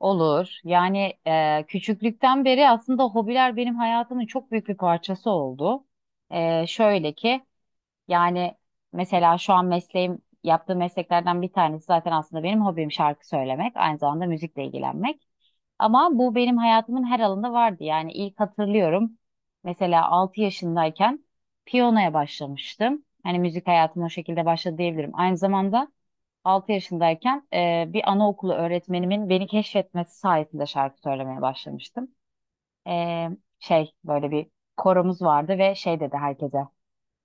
Olur. Yani küçüklükten beri aslında hobiler benim hayatımın çok büyük bir parçası oldu. Şöyle ki yani mesela şu an mesleğim yaptığım mesleklerden bir tanesi zaten aslında benim hobim şarkı söylemek, aynı zamanda müzikle ilgilenmek. Ama bu benim hayatımın her alanında vardı. Yani ilk hatırlıyorum mesela 6 yaşındayken piyanoya başlamıştım. Hani müzik hayatıma o şekilde başladı diyebilirim. Aynı zamanda altı yaşındayken bir anaokulu öğretmenimin beni keşfetmesi sayesinde şarkı söylemeye başlamıştım. E, şey böyle bir koromuz vardı ve şey dedi herkese.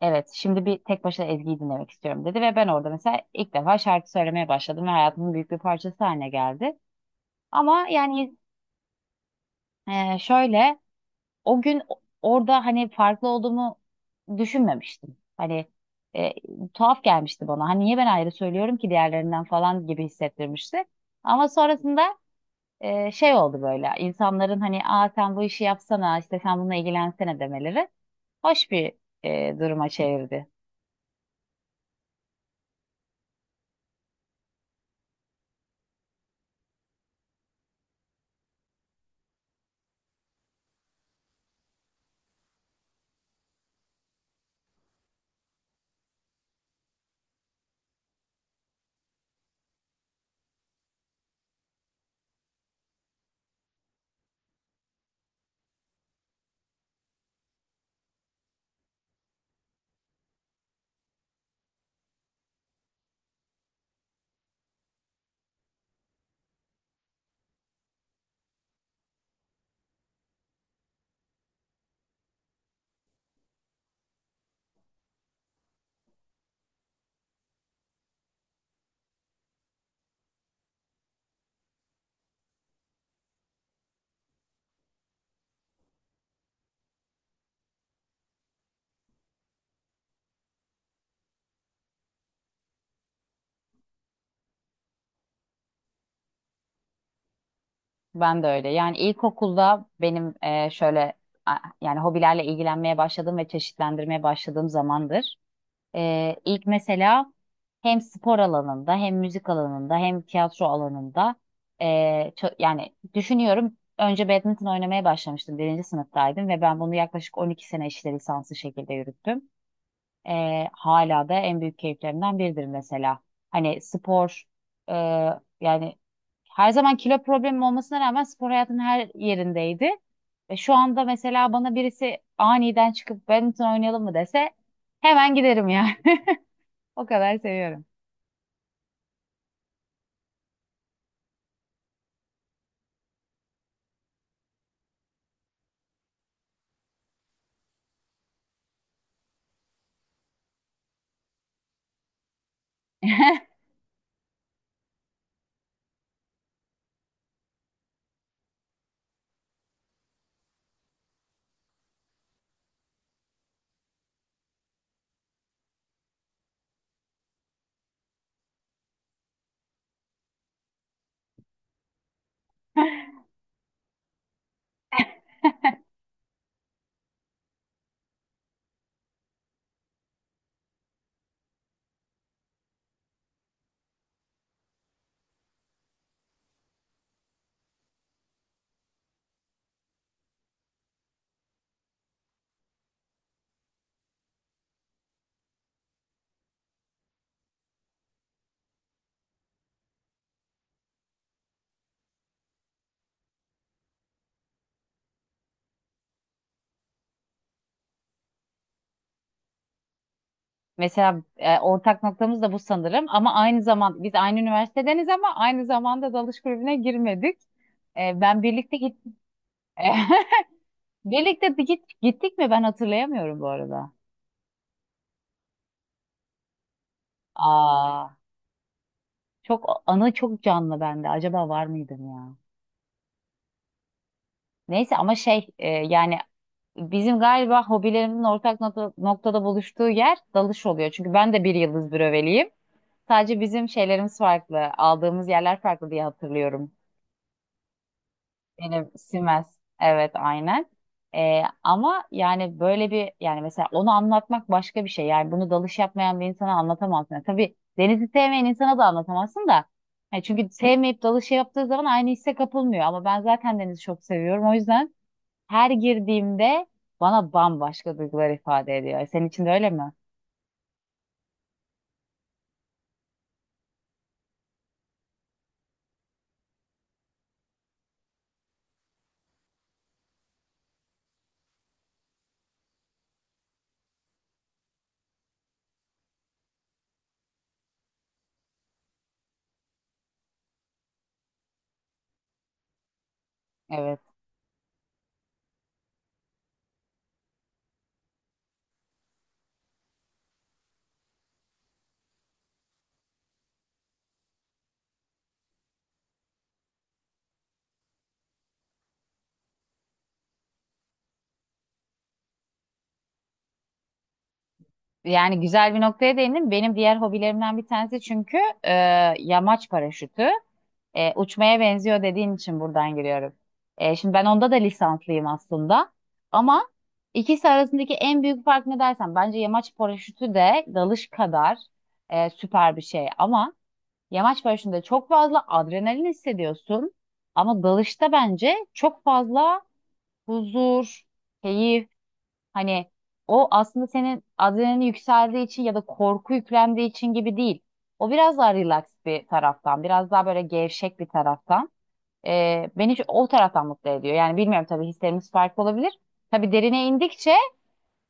Evet, şimdi bir tek başına Ezgi'yi dinlemek istiyorum dedi ve ben orada mesela ilk defa şarkı söylemeye başladım ve hayatımın büyük bir parçası haline geldi. Ama yani şöyle o gün orada hani farklı olduğumu düşünmemiştim. Hani e, tuhaf gelmişti bana. Hani niye ben ayrı söylüyorum ki diğerlerinden falan gibi hissettirmişti. Ama sonrasında şey oldu böyle. İnsanların hani aa sen bu işi yapsana işte sen bununla ilgilensene demeleri hoş bir duruma çevirdi. Ben de öyle. Yani ilkokulda benim şöyle a- yani hobilerle ilgilenmeye başladığım ve çeşitlendirmeye başladığım zamandır. İlk mesela hem spor alanında hem müzik alanında hem tiyatro alanında ee, yani düşünüyorum önce badminton oynamaya başlamıştım birinci sınıftaydım ve ben bunu yaklaşık 12 sene işte lisanslı şekilde yürüttüm. Hala da en büyük keyiflerimden biridir mesela. Hani spor ee, yani her zaman kilo problemim olmasına rağmen spor hayatının her yerindeydi. Ve şu anda mesela bana birisi aniden çıkıp badminton oynayalım mı dese hemen giderim yani. O kadar seviyorum. Mesela ortak noktamız da bu sanırım ama aynı zaman biz aynı üniversitedeniz ama aynı zamanda dalış kulübüne girmedik. E, ben birlikte git birlikte bir gittik mi ben hatırlayamıyorum bu arada. Aa, çok anı çok canlı bende. Acaba var mıydım ya? Neyse ama şey yani bizim galiba hobilerimizin ortak noktada buluştuğu yer dalış oluyor. Çünkü ben de bir yıldız bröveliyim. Sadece bizim şeylerimiz farklı. Aldığımız yerler farklı diye hatırlıyorum. Benim Siemens. Evet, aynen. Ama yani böyle bir yani mesela onu anlatmak başka bir şey. Yani bunu dalış yapmayan bir insana anlatamazsın. Yani tabii denizi sevmeyen insana da anlatamazsın da. Yani çünkü sevmeyip dalış yaptığı zaman aynı hisse kapılmıyor. Ama ben zaten denizi çok seviyorum. O yüzden her girdiğimde bana bambaşka duygular ifade ediyor. Senin için de öyle mi? Evet. Yani güzel bir noktaya değindim. Benim diğer hobilerimden bir tanesi çünkü e, yamaç paraşütü. Uçmaya benziyor dediğin için buradan giriyorum. Şimdi ben onda da lisanslıyım aslında. Ama ikisi arasındaki en büyük fark ne dersen bence yamaç paraşütü de dalış kadar süper bir şey. Ama yamaç paraşütünde çok fazla adrenalin hissediyorsun. Ama dalışta bence çok fazla huzur, keyif, hani o aslında senin adrenalin yükseldiği için ya da korku yüklendiği için gibi değil. O biraz daha relax bir taraftan, biraz daha böyle gevşek bir taraftan. Beni o taraftan mutlu ediyor. Yani bilmiyorum, tabii hislerimiz farklı olabilir. Tabii derine indikçe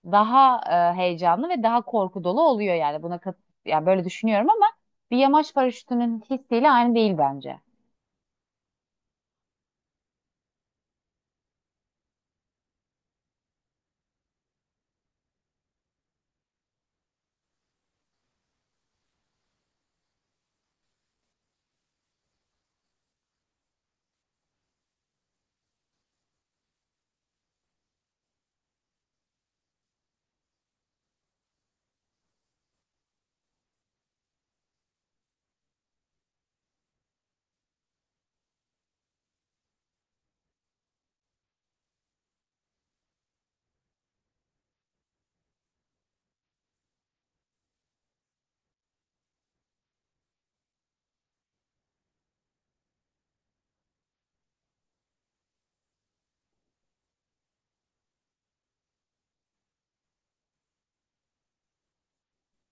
daha heyecanlı ve daha korku dolu oluyor yani. Buna kat, yani böyle düşünüyorum ama bir yamaç paraşütünün hissiyle aynı değil bence.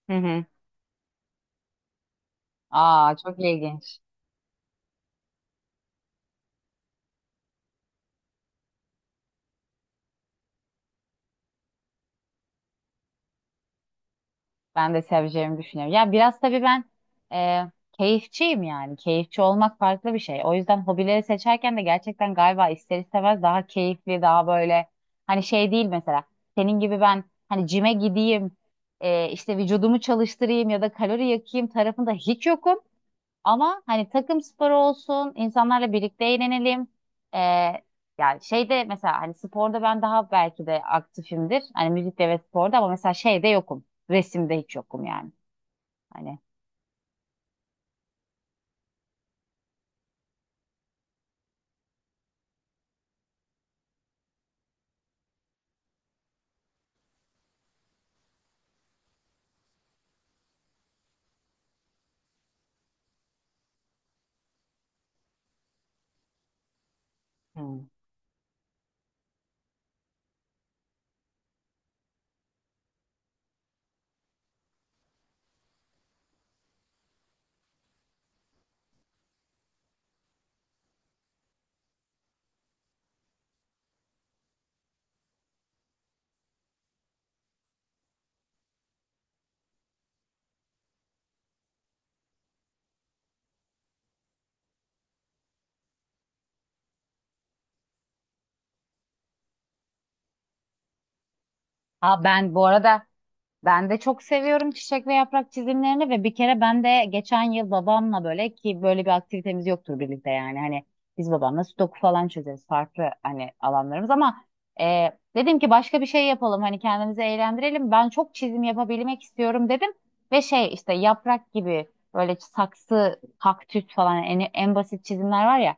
Hı hı. Aa, çok ilginç. Ben de seveceğimi düşünüyorum. Ya biraz tabii ben e, keyifçiyim yani. Keyifçi olmak farklı bir şey. O yüzden hobileri seçerken de gerçekten galiba ister istemez daha keyifli, daha böyle hani şey değil mesela. Senin gibi ben hani cime gideyim, işte vücudumu çalıştırayım ya da kalori yakayım tarafında hiç yokum. Ama hani takım sporu olsun, insanlarla birlikte eğlenelim. Ee, yani şeyde mesela hani sporda ben daha belki de aktifimdir. Hani müzikte ve sporda, ama mesela şeyde yokum. Resimde hiç yokum yani. Hani. Aa, ben bu arada ben de çok seviyorum çiçek ve yaprak çizimlerini ve bir kere ben de geçen yıl babamla, böyle ki böyle bir aktivitemiz yoktur birlikte, yani hani biz babamla sudoku falan çözeriz, farklı hani alanlarımız, ama dedim ki başka bir şey yapalım hani kendimizi eğlendirelim, ben çok çizim yapabilmek istiyorum dedim ve şey işte yaprak gibi böyle saksı kaktüs falan en basit çizimler var ya,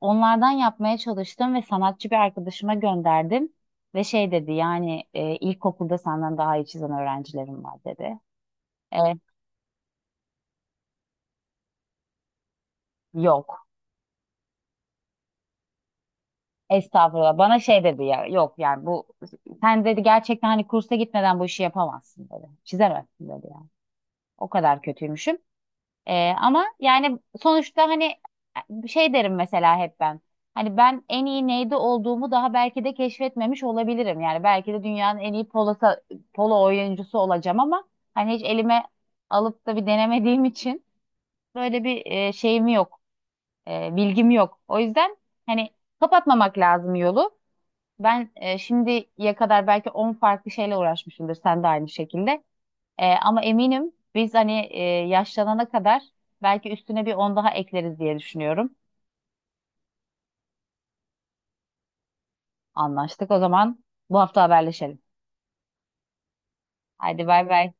onlardan yapmaya çalıştım ve sanatçı bir arkadaşıma gönderdim. Ve şey dedi, yani ilkokulda senden daha iyi çizen öğrencilerim var dedi. E, yok. Estağfurullah. Bana şey dedi ya, yok yani bu sen dedi gerçekten hani kursa gitmeden bu işi yapamazsın dedi. Çizemezsin dedi yani. O kadar kötüymüşüm. Ama yani sonuçta hani şey derim mesela hep ben. Hani ben en iyi neyde olduğumu daha belki de keşfetmemiş olabilirim. Yani belki de dünyanın en iyi polo oyuncusu olacağım ama hani hiç elime alıp da bir denemediğim için böyle bir şeyim yok, bilgim yok. O yüzden hani kapatmamak lazım yolu. Ben şimdiye kadar belki 10 farklı şeyle uğraşmışımdır, sen de aynı şekilde. Ama eminim biz hani yaşlanana kadar belki üstüne bir 10 daha ekleriz diye düşünüyorum. Anlaştık o zaman, bu hafta haberleşelim. Haydi bay bay.